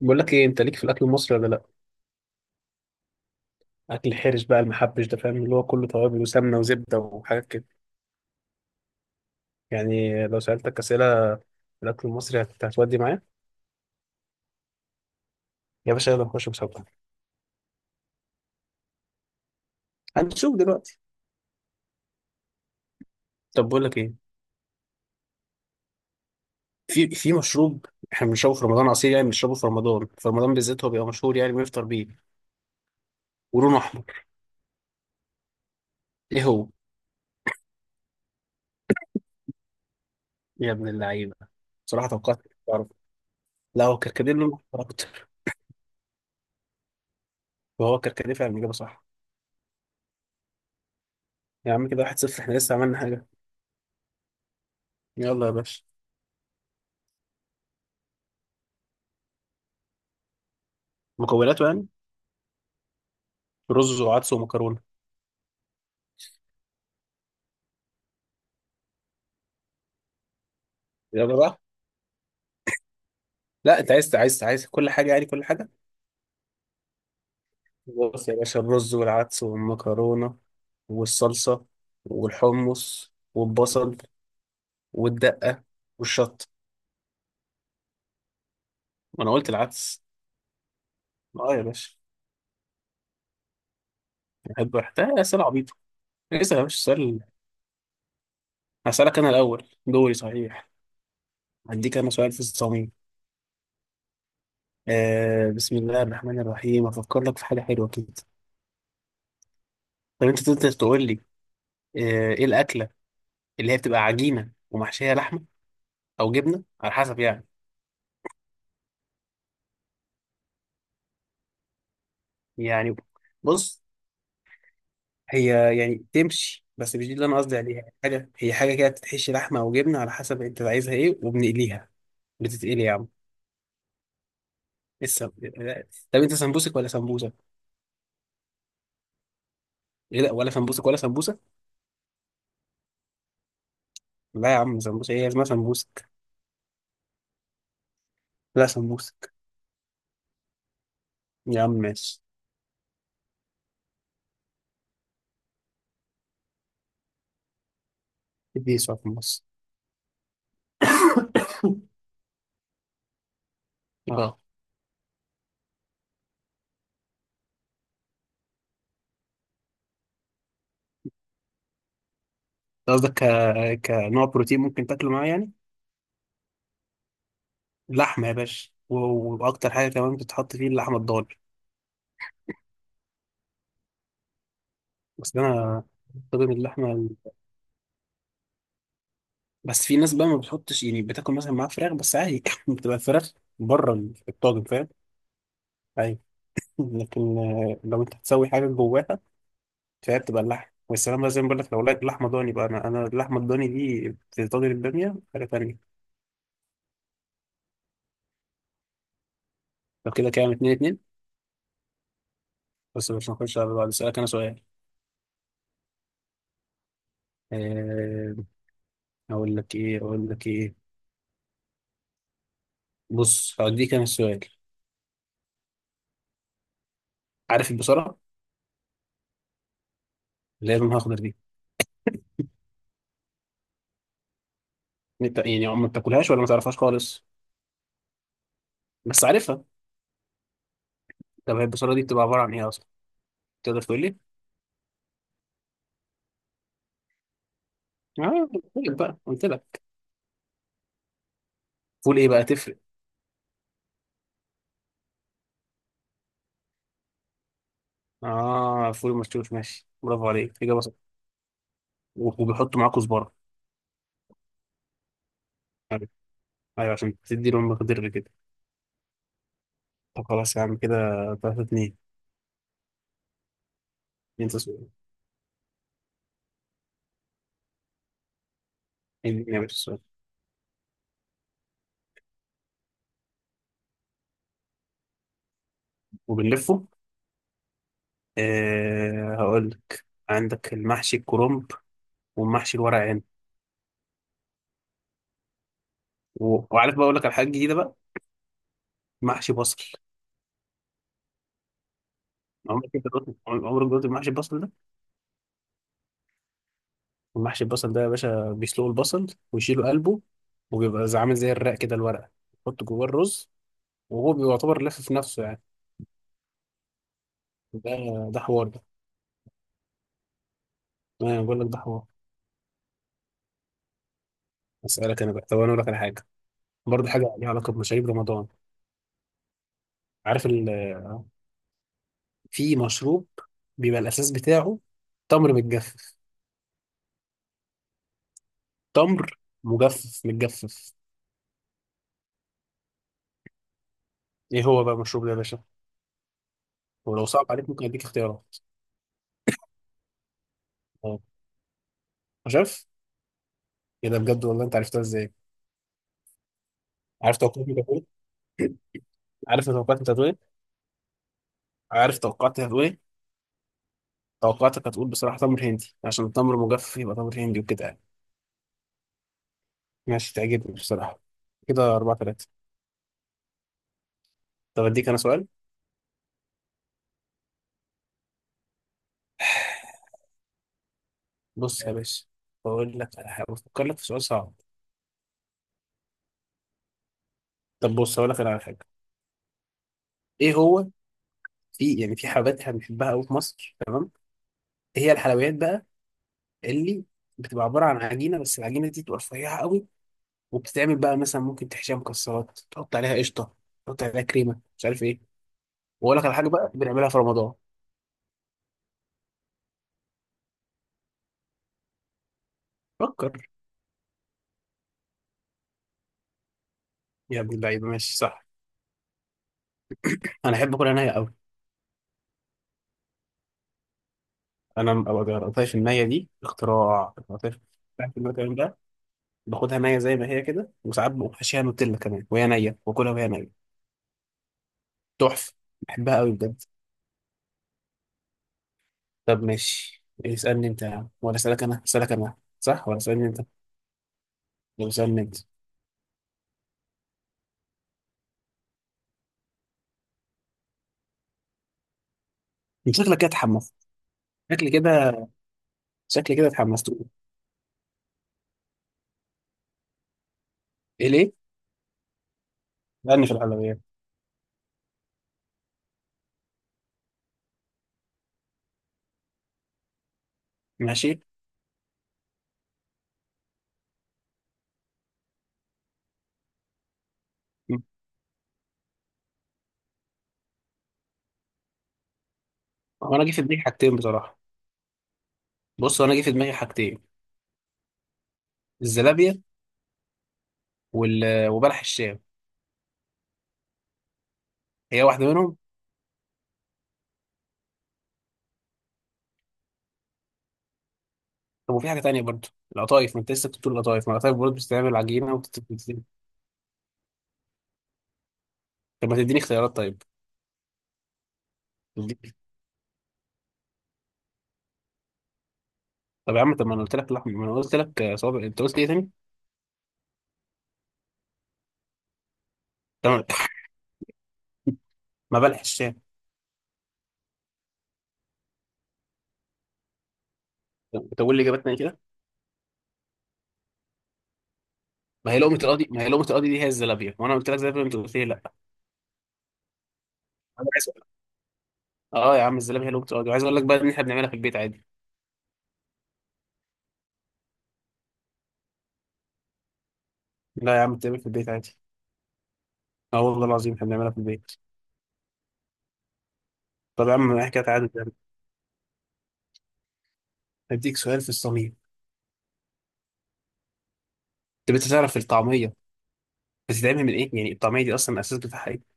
بقول لك ايه، انت ليك في الاكل المصري ولا لا؟ اكل حرش بقى المحبش ده، فاهم؟ اللي هو كله توابل وسمنه وزبده وحاجات كده. يعني لو سالتك اسئله في الاكل المصري هت- هتودي معايا؟ يا باشا يلا نخش مسابقه. هنشوف دلوقتي. طب بقول لك ايه، في مشروب احنا بنشربه في رمضان، عصير يعني، بنشربه في رمضان، بالذات هو بيبقى مشهور، يعني بيفطر بيه ولونه احمر. ايه هو؟ يا ابن اللعيبه، بصراحه توقعت إنك تعرف. لا هو كركديه لونه احمر اكتر. وهو كركديه فعلا، اجابه صح. يا عم كده واحد صفر، احنا لسه عملنا حاجه. يلا يا باشا. مكوناته يعني، رز وعدس ومكرونه. يلا بقى، لا انت عايز كل حاجه، يعني كل حاجه. بص يا باشا، الرز والعدس والمكرونه والصلصه والحمص والبصل والدقه والشطه. ما انا قلت العدس. اه يا باشا. بحب احتاج اسئله عبيطه. اسال يا باشا سؤال. هسالك انا الاول، دوري صحيح. هديك انا سؤال في الصميم. بسم الله الرحمن الرحيم، افكر لك في حاجه حلوه كده. طب انت تقدر تقول لي ايه الاكله اللي هي بتبقى عجينه ومحشيه لحمه او جبنه على حسب، يعني؟ يعني بص، هي تمشي، بس مش دي اللي انا قصدي عليها. حاجه هي، حاجه كده بتتحشي لحمه او جبنه على حسب انت عايزها ايه، وبنقليها. بتتقلي يا عم. لسه. طب انت سمبوسك ولا سمبوسه؟ ايه، لا ولا سمبوسك ولا سمبوسه. لا يا عم سمبوسه، ايه اسمها سمبوسك؟ لا سمبوسك. يا عم ماشي. اديني سؤال في النص. اه قصدك ك... كنوع بروتين ممكن تاكله معاه، يعني؟ لحمه يا باشا و... واكتر حاجه كمان بتتحط فيه اللحمه الضاني. بس انا، طبعا اللحمه. بس في ناس بقى ما بتحطش، يعني بتاكل مثلا معاها فراخ بس عادي، بتبقى الفراخ بره الطاجن، فاهم؟ ايوه. لكن لو انت هتسوي حاجه جواها، فهي بتبقى اللحم والسلام بقى، زي ما بقول لك. لو لقيت لحمه ضاني بقى، انا اللحمه الضاني دي في طاجن الباميه حاجه تانيه. لو كده كام؟ اتنين اتنين. بس مش هنخش على بعض، اسالك انا سؤال. أه... اقول لك ايه؟ بص هوديك انا السؤال. عارف البصله اللي هي لونها اخضر دي؟ انت يعني ما بتاكلهاش ولا ما تعرفهاش خالص؟ بس عارفها. طب هي البصله دي بتبقى عباره عن ايه اصلا، تقدر تقول لي؟ اه قلت لك بقى، قلت لك. فول ايه بقى، تفرق؟ اه فول مشوش، ماشي برافو عليك، اجابه صح. و- وبيحطوا معاه كزبره. ايوه. عشان تدي لهم مقدار كده. طب خلاص يا عم كده 3 2. انت سؤال، انت يا باشا سؤال. وبنلفه. هقول لك، عندك المحشي الكرنب والمحشي الورق عنب. و- وعارف بقى، اقول لك على حاجه جديده بقى. محشي بصل. عمرك انت دوت- عمرك دوت المحشي البصل ده؟ المحشي البصل ده يا باشا، بيسلقوا البصل ويشيلوا قلبه، وبيبقى زي- عامل زي الرق كده، الورقه، يحط جواه الرز وهو بيعتبر لف في نفسه، يعني. ده ده حوار ده، انا بقول لك ده حوار. اسالك انا بقى، طب انا اقول لك على حاجه، برضه حاجه ليها علاقه بمشاريب رمضان. عارف ال... في مشروب بيبقى الاساس بتاعه تمر متجفف. تمر متجفف. ايه هو بقى المشروب ده يا باشا؟ ولو صعب عليك ممكن اديك اختيارات. اه شايف. ايه ده بجد، والله انت عرفتها ازاي؟ عارف توقعاتك انت هتقول إيه؟ عارف توقعاتك انت هتقول ايه عارف توقعاتك هتقول ايه توقعاتك هتقول بصراحه تمر هندي، عشان التمر مجفف يبقى تمر هندي، وكده يعني. ماشي تعجبني بصراحه. كده أربعة تلاتة. طب اديك انا سؤال. بص يا باشا، بقول لك على حاجه، بفكر لك في سؤال صعب. طب بص، اقول لك أنا على حاجه. ايه هو؟ في، يعني في حلويات احنا بنحبها قوي في مصر، تمام؟ إيه هي الحلويات بقى اللي بتبقى عباره عن عجينه، بس العجينه دي بتبقى رفيعه قوي، وبتتعمل بقى مثلا، ممكن تحشيها مكسرات، تحط عليها قشطه، تحط عليها كريمه، مش عارف ايه. واقول لك على حاجه بقى، بنعملها في رمضان. فكر. يا ابن اللعيبه، ماشي صح. انا احب اكلها نيه قوي. انا ما بقدرش النيه دي، اختراع ما بقدرش. باخدها نية زي ما هي كده، وساعات بقوم حاشيها نوتيلا كمان وهي نية، واكلها وهي نية. تحفة. بحبها قوي بجد. طب ماشي، اسألني انت يا عم ولا اسألك انا اسألك انا صح ولا اسألني انت ولا اسألني انت من شكلك كده اتحمست. شكلي كده شكلي كده اتحمست. ايه ليه؟ اسألني في الحلويات. ماشي. م. هو انا جه في دماغي حاجتين بصراحة. بص هو انا جه في دماغي حاجتين، الزلابية وال... وبلح الشام، هي واحدة منهم. طب وفي حاجة تانية برضه، القطايف؟ ما انت لسه كنت بتقول القطايف، ما القطايف برضه بتستعمل عجينة وبتت... بت-. طب ما تديني اختيارات. طيب. طب يا عم، طب ما انا قلت لك لحم، ما انا قلت لك صوابع، انت قلت ايه تاني؟ تمام. ما بلح الشام. تقول لي اجابتنا ايه كده؟ ما هي لقمه القاضي، دي هي الزلابيه، وانا قلت لك زلابيه انت قلت لي لا. انا عايز أقول-. اه يا عم الزلابيه هي لقمه القاضي، وعايز اقول لك بقى ان احنا بنعملها في البيت عادي. لا يا عم، بتعمل في البيت عادي. اه والله العظيم احنا بنعملها في البيت. طب يا عم حكايه عادي يعني. هديك سؤال في الصميم. طب انت تعرف الطعميه بتتعمل من ايه؟ يعني الطعميه دي اصلا الاساس بتاعها ايه؟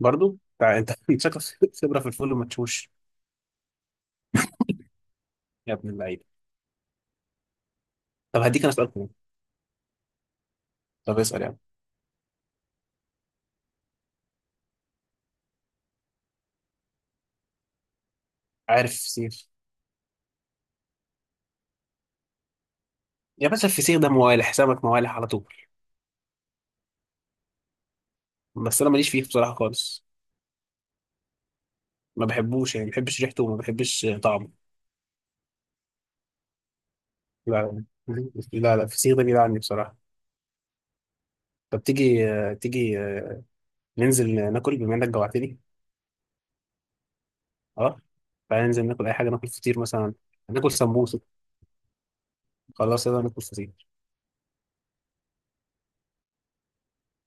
برضه تع- انت أنت شكلك خبره في الفول، وما تشوش. يا ابن اللعيبه. طب هديك انا سؤال كمان. طب اسال يا عم. عارف سيف، يا باشا الفسيخ ده موالح، سمك موالح على طول. بس انا ماليش فيه بصراحه خالص، ما بحبوش، يعني ما بحبش ريحته وما بحبش طعمه. لا لا لا الفسيخ ده بيلعني بصراحه. طب تيجي ننزل ناكل، بما انك جوعتني. اه. تعالى ننزل ناكل اي حاجه، ناكل فطير مثلا، ناكل سمبوسه. خلاص يلا ناكل فطير.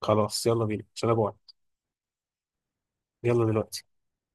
خلاص يلا بينا عشان انا جوعت. يلا دلوقتي.